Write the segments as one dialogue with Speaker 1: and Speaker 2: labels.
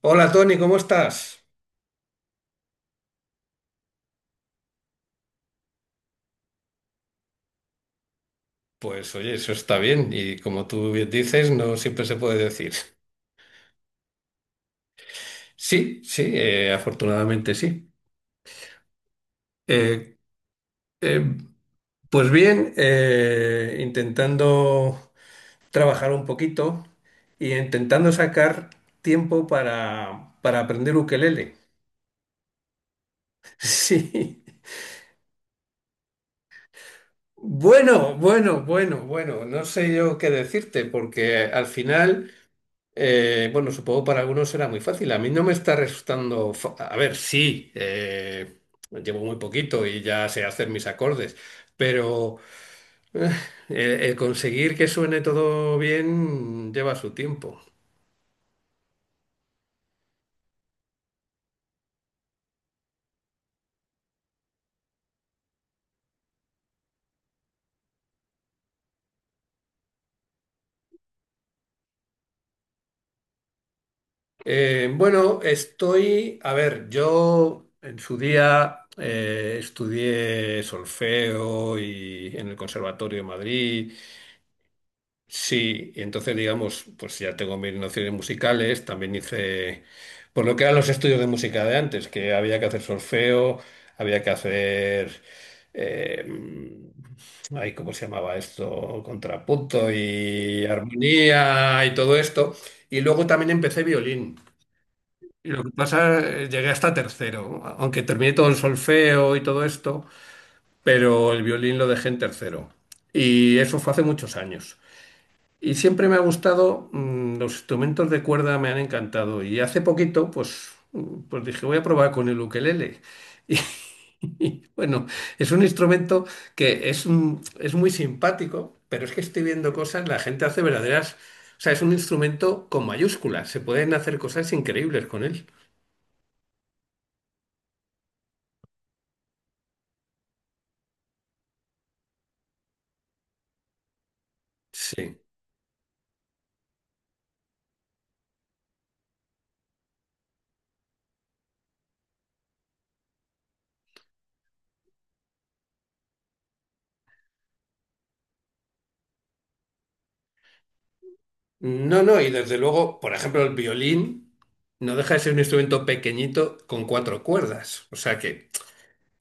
Speaker 1: Hola Tony, ¿cómo estás? Pues oye, eso está bien y como tú bien dices, no siempre se puede decir. Sí, sí, afortunadamente sí. Eh, eh, pues bien, intentando trabajar un poquito y intentando sacar tiempo para aprender ukelele. Sí. Bueno, bueno, bueno, bueno, no sé yo qué decirte porque al final... Bueno, supongo para algunos será muy fácil. A mí no me está resultando... A ver, sí, llevo muy poquito y ya sé hacer mis acordes, pero eh, el conseguir que suene todo bien lleva su tiempo. Bueno, estoy... A ver, yo en su día estudié solfeo y en el Conservatorio de Madrid. Sí, y entonces digamos, pues ya tengo mis nociones musicales, también hice, por lo que eran los estudios de música de antes, que había que hacer solfeo, había que hacer, eh, ay, ¿cómo se llamaba esto? Contrapunto y armonía y todo esto. Y luego también empecé violín. Y lo que pasa, llegué hasta tercero, aunque terminé todo el solfeo y todo esto, pero el violín lo dejé en tercero. Y eso fue hace muchos años. Y siempre me ha gustado, mm, los instrumentos de cuerda me han encantado. Y hace poquito, pues, mm, pues dije, voy a probar con el ukelele. Y bueno, es un instrumento que es, es muy simpático, pero es que estoy viendo cosas, la gente hace verdaderas. O sea, es un instrumento con mayúsculas, se pueden hacer cosas increíbles con él. Sí. No, no, y desde luego, por ejemplo, el violín no deja de ser un instrumento pequeñito con cuatro cuerdas. O sea que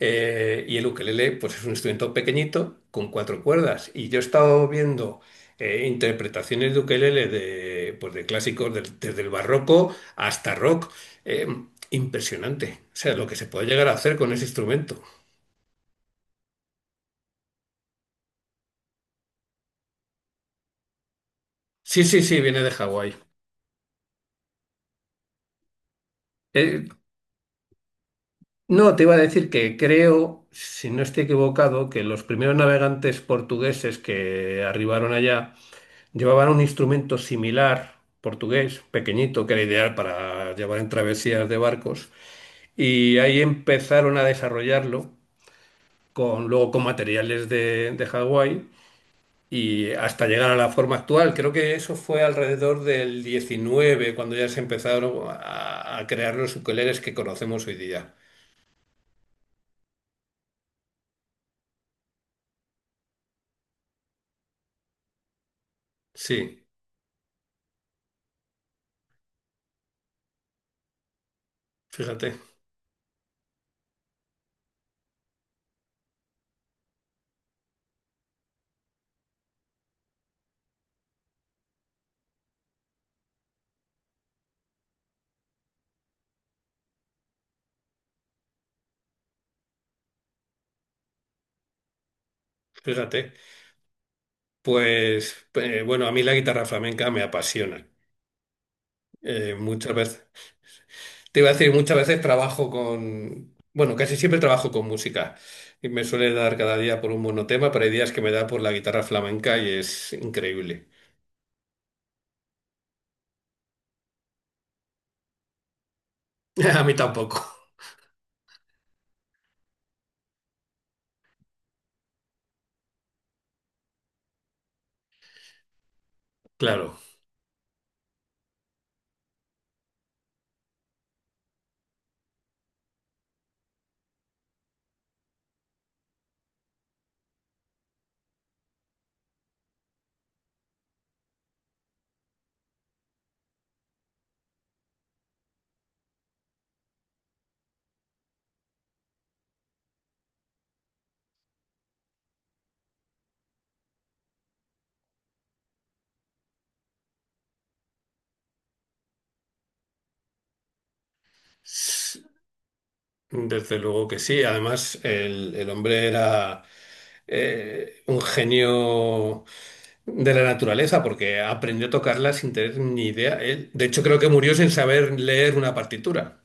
Speaker 1: Y el ukelele, pues es un instrumento pequeñito con cuatro cuerdas. Y yo he estado viendo interpretaciones de ukelele de, pues de clásicos desde el barroco hasta rock. Eh, impresionante. O sea, lo que se puede llegar a hacer con ese instrumento. Sí, sí, sí, viene de Hawái. Eh, no, te iba a decir que creo, si no estoy equivocado, que los primeros navegantes portugueses que arribaron allá llevaban un instrumento similar, portugués, pequeñito, que era ideal para llevar en travesías de barcos. Y ahí empezaron a desarrollarlo con, luego con materiales de Hawái y hasta llegar a la forma actual. Creo que eso fue alrededor del 19, cuando ya se empezaron a crear los ukuleles que conocemos hoy día. Sí, fíjate, fíjate. Pues bueno, a mí la guitarra flamenca me apasiona. Muchas veces. Te iba a decir, muchas veces trabajo con, bueno, casi siempre trabajo con música y me suele dar cada día por un monotema, pero hay días que me da por la guitarra flamenca y es increíble. A mí tampoco, claro. S- Desde luego que sí. Además, el hombre era un genio de la naturaleza porque aprendió a tocarla sin tener ni idea. Él, de hecho, creo que murió sin saber leer una partitura.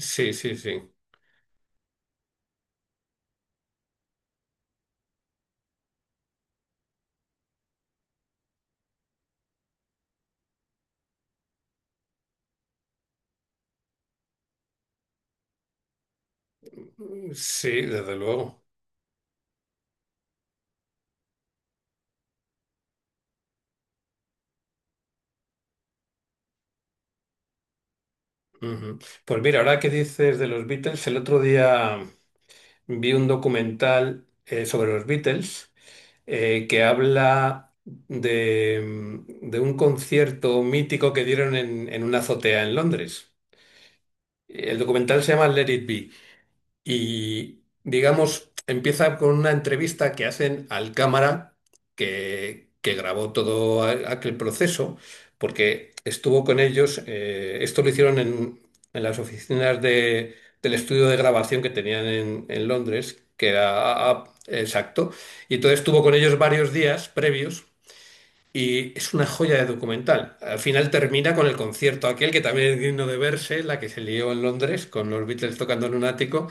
Speaker 1: Sí, sí, sí. Sí, desde luego. Ujú. Pues mira, ahora que dices de los Beatles, el otro día vi un documental sobre los Beatles que habla de, mm, de un concierto mítico que dieron en una azotea en Londres. El documental se llama Let It Be y, digamos, empieza con una entrevista que hacen al cámara que grabó todo aquel proceso, porque estuvo con ellos, esto lo hicieron en las oficinas del estudio de grabación que tenían en Londres, que era exacto, y entonces estuvo con ellos varios días previos. Y es una joya de documental. Al final termina con el concierto aquel que también es digno de verse, la que se lió en Londres con los Beatles tocando en un ático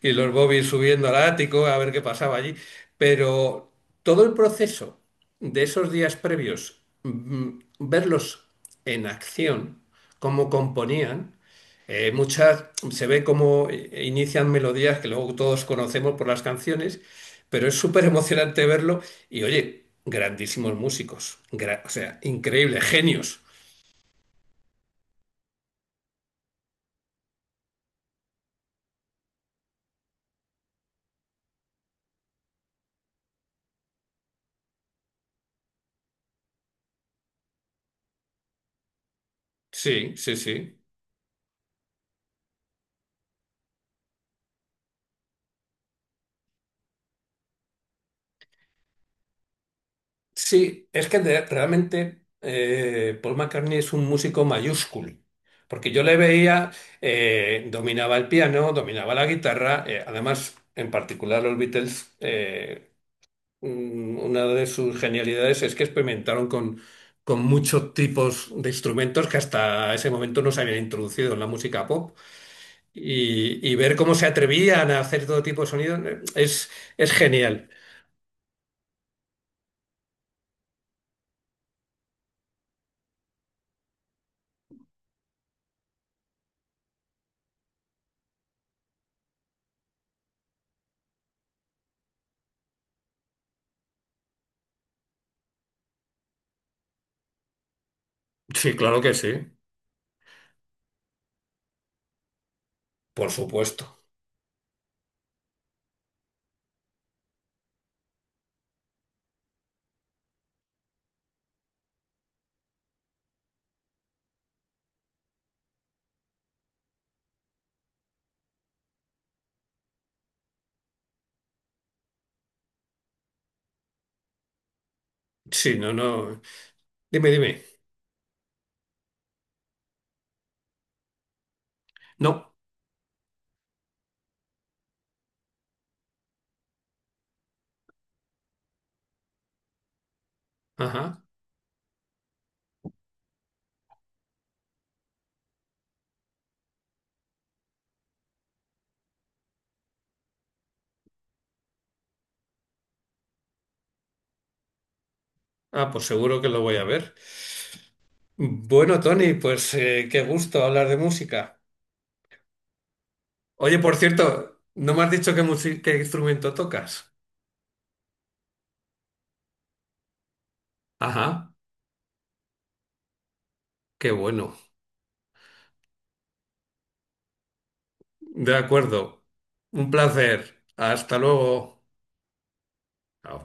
Speaker 1: y los Bobby subiendo al ático a ver qué pasaba allí. Pero todo el proceso de esos días previos, mm, verlos en acción, cómo componían, muchas se ve cómo inician melodías que luego todos conocemos por las canciones, pero es súper emocionante verlo y oye, grandísimos músicos, o sea, increíbles genios. Sí, sí, sí. Sí, es que realmente Paul McCartney es un músico mayúsculo, porque yo le veía, dominaba el piano, dominaba la guitarra, además, en particular los Beatles, una de sus genialidades es que experimentaron con muchos tipos de instrumentos que hasta ese momento no se habían introducido en la música pop, y ver cómo se atrevían a hacer todo tipo de sonidos es genial. Sí, claro que sí, por supuesto. Sí, no, no. Dime, dime. No. Ajá. Ah, pues seguro que lo voy a ver. Bueno, Tony, pues qué gusto hablar de música. Oye, por cierto, no me has dicho qué, qué instrumento tocas. Ajá, qué bueno. De acuerdo. Un placer. Hasta luego. Chao.